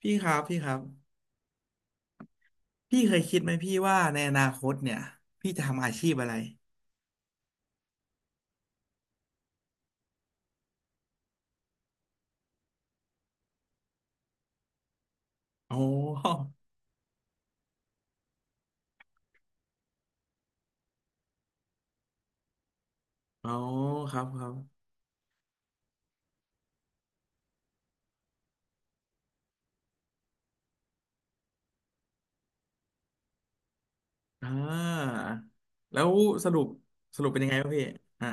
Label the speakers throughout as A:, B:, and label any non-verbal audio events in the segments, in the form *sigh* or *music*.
A: พี่ครับพี่ครับพี่เคยคิดไหมพี่ว่าในอนาคตเนี่ยพี่จะทำอาชีพอะไรโอ้โอ้ *laughs* ครับครับอ่าแล้วสรุปสรุปเป็นยังไงครับพี่อ่า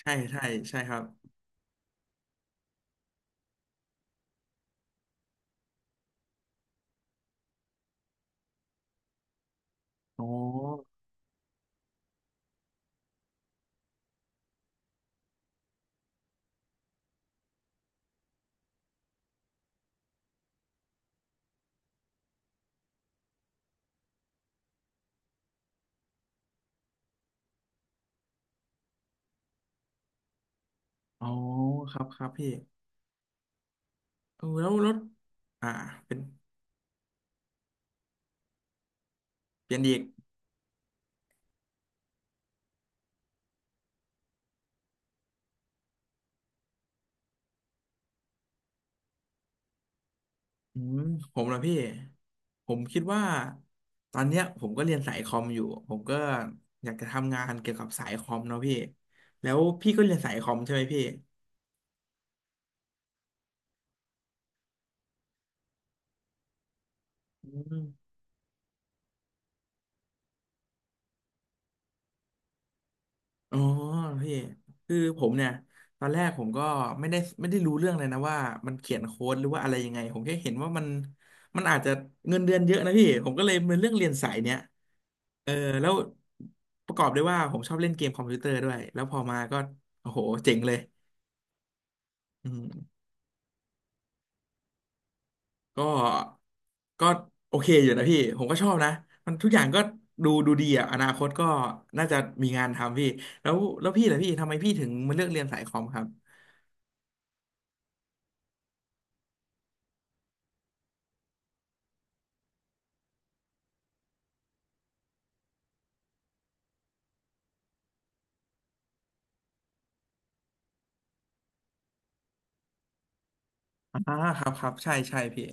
A: ใช่ใช่ใช่ครับอ๋ออ๋อครับครับพี่เออแล้วรถอ่าเป็นเปลี่ยนอีกอืมผมละพี่ผมคิดว่าตอนเนี้ยผมก็เรียนสายคอมอยู่ผมก็อยากจะทำงานเกี่ยวกับสายคอมเนาะพี่แล้วพี่ก็เรียนสายคอมใช่ไหมพี่ อืมอ๋อพี่คือผมเนี่ยตอนแรกผมก็ไม่ได้รู้เรื่องเลยนะว่ามันเขียนโค้ดหรือว่าอะไรยังไงผมแค่เห็นว่ามันอาจจะเงินเดือนเยอะนะพี่ผมก็เลยเป็นเรื่องเรียนสายเนี้ยเออแล้วประกอบด้วยว่าผมชอบเล่นเกมคอมพิวเตอร์ด้วยแล้วพอมาก็โอ้โหเจ๋งเลยอืมก็ก็โอเคอยู่นะพี่ผมก็ชอบนะมันทุกอย่างก็ดูดูดีอ่ะอนาคตก็น่าจะมีงานทำพี่แล้วแล้วพี่ล่ะพี่ทำไมพี่ถึงมาเลือกเรียนสายคอมครับ อ่าครับครับใช่ใช่พี่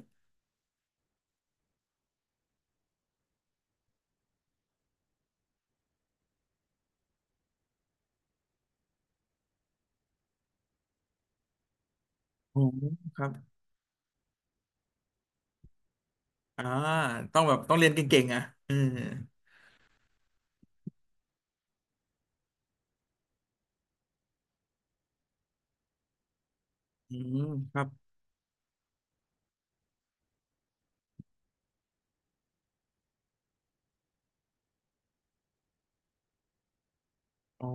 A: โอมครับอ่าต้องแบบต้องเรียนเก่งๆอ่ะเอออืมครับอ๋อ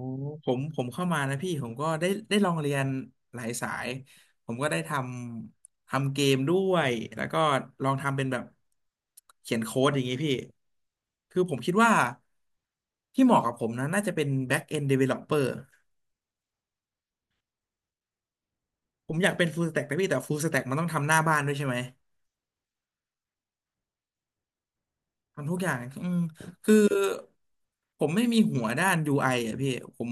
A: ผมผมเข้ามานะพี่ผมก็ได้ได้ลองเรียนหลายสายผมก็ได้ทำทำเกมด้วยแล้วก็ลองทำเป็นแบบเขียนโค้ดอย่างงี้พี่คือผมคิดว่าที่เหมาะกับผมนะน่าจะเป็น back end developer ผมอยากเป็น full stack นะพี่แต่ full stack มันต้องทำหน้าบ้านด้วยใช่ไหม ทำทุกอย่างอืมคือผมไม่มีหัวด้าน UI ออ่ะพี่ผม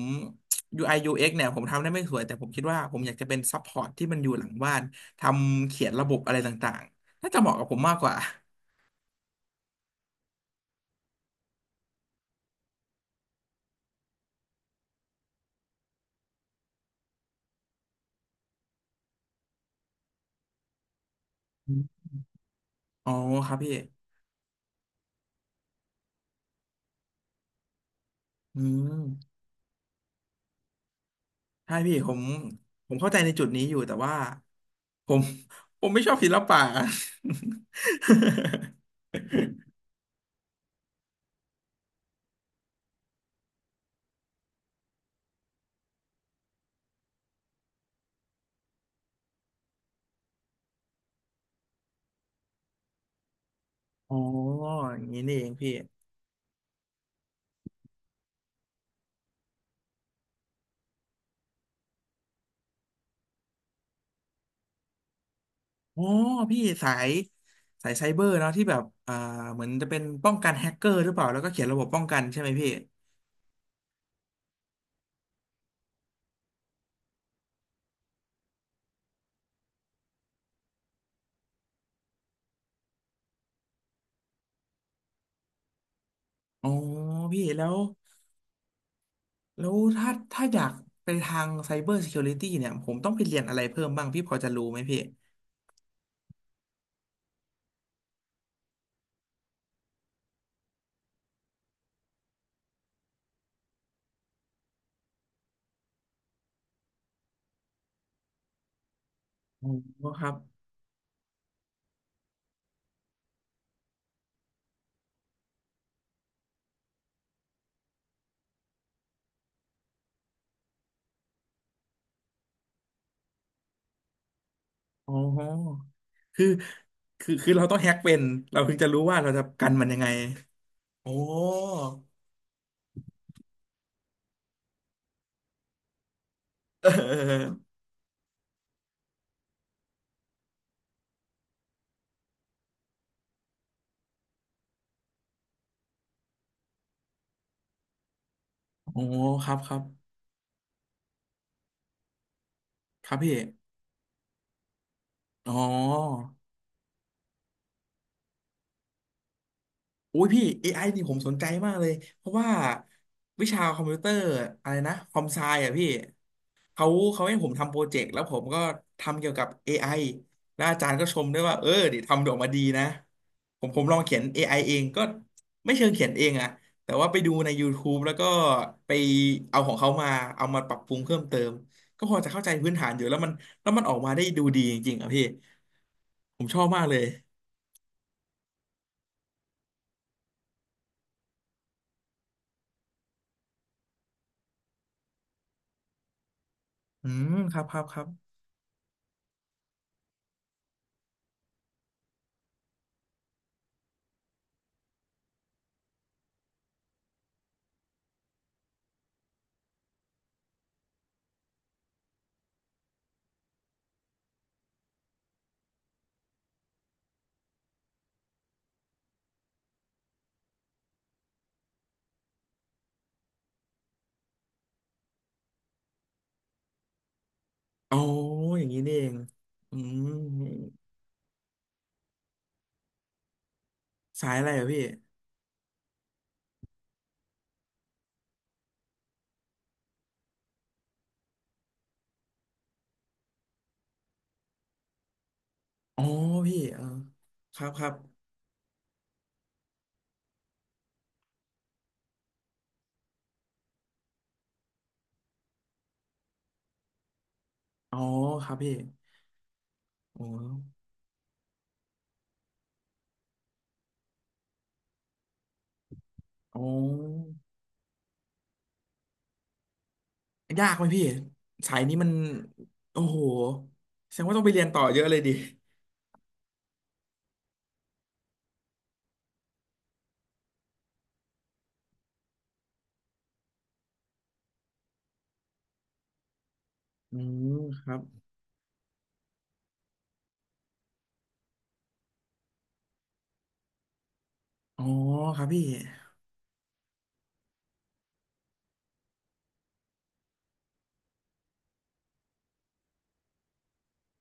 A: UI UX เอ็กซ์เนี่ยผมทำได้ไม่สวยแต่ผมคิดว่าผมอยากจะเป็นซัพพอร์ตที่มันอยู่หลังบ้านทำเขียนระบบอะไรต่างๆน่าจะเหมาะกับผมมากกว่าอมอ๋อครับพี่อืมใช่พี่ผมผมเข้าใจในจุดนี้อยู่แต่ว่าผมผมไม่ชอบศิลปะ *laughs* อ๋ออย่างนี้นี่เองพี่ อ๋อพี่สายสายไซเบอร์เนาะที่แบบเหมือนจะเป็นป้องกันแฮกเกอร์หรือเปล่าแล้วก็เขียนระบบป้องกันใช่ไหมพี่อ๋อพี่แล้วแล้วถ้าถ้าอยากไปทางไซเบอร์ซิเคียวริตี้เนี่ยผมต้องไปเรียนอะไรเพิ่มบ้างพี่พอจะรู้ไหมพี่อ๋อครับอ๋อคือคือคือเราต้องแฮกเป็นเราถึงจะรู้ว่าเราจะกันมันยังไงโอ้เอ *laughs* อโอ้ครับครับครับพี่อ๋อ โอ้ยพี่ AI นี่ผมสนใจมากเลยเพราะว่าวิชาคอมพิวเตอร์อะไรนะคอมไซอ่ะพี่เขาเขาให้ผมทำโปรเจกต์แล้วผมก็ทำเกี่ยวกับ AI แล้วอาจารย์ก็ชมด้วยว่าเออเดี๋ยวทำออกมาดีนะผมผมลองเขียน AI เองก็ไม่เชิงเขียนเองอะแต่ว่าไปดูใน YouTube แล้วก็ไปเอาของเขามาเอามาปรับปรุงเพิ่มเติมก็พอจะเข้าใจพื้นฐานอยู่แล้วมันแล้วมันออกมาได้ดูดีจริงๆอ่ะพี่ผมชอบมากเลยอืมครับครับครับ อ๋ออย่างนี้นี่เองอืมสายอะไรอะพี่อ๋อพี่เออครับครับอ๋อครับพี่อ๋ออ๋อยากไหมพี่สายนี้มันโอ้โหแสดงว่าต้องไปเรียนต่อเยอะเลยดิอืมครับอ๋อครับพี่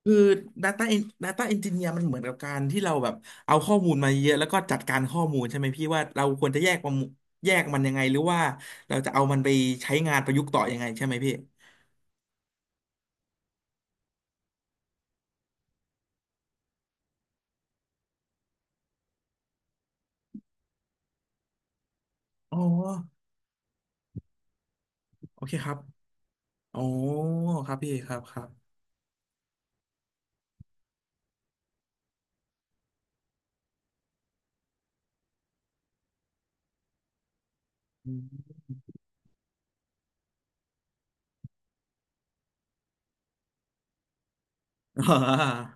A: คือ Data En- Data Engineer มันเหมือนกับการที่เราแบบเอาข้อมูลมาเยอะแล้วก็จัดการข้อมูลใช่ไหมพี่ว่าเราควรจะแยกมันแยกมันยังไงหรือว่าเราจะเอามันไปใช้งานประยุกต์ต่อยังไงใช่ไหมพี่ อ๋อโอเคครับอ๋อครับพี่ครับครับอืม *laughs* อ่า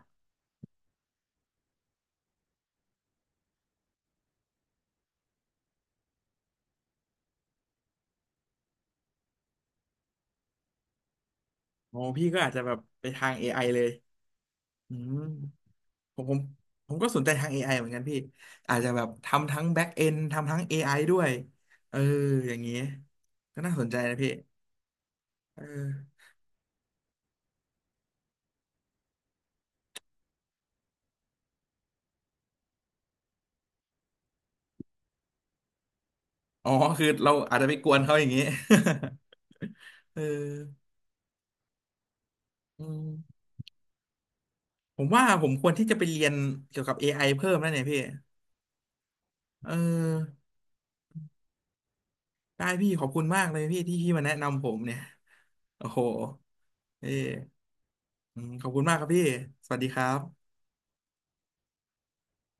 A: อ๋อพี่ก็อาจจะแบบไปทาง AI เลยอืมผมผมก็สนใจทาง AI เหมือนกันพี่ อาจจะแบบทำทั้ง back end ทำทั้ง AI ด้วยเอออย่างนี้ก็น่าสนใจนะพี่เอออ๋อ คือเราอาจจะไปกวนเขาอย่างนี้ *laughs* เอออืมผมว่าผมควรที่จะไปเรียนเกี่ยวกับ AI เพิ่มแล้วเนี่ยพี่เออได้พี่ขอบคุณมากเลยพี่ที่พี่มาแนะนำผมเนี่ย โอ้โหเอออืมขอบคุณมากครับพี่ สวัสดีครับ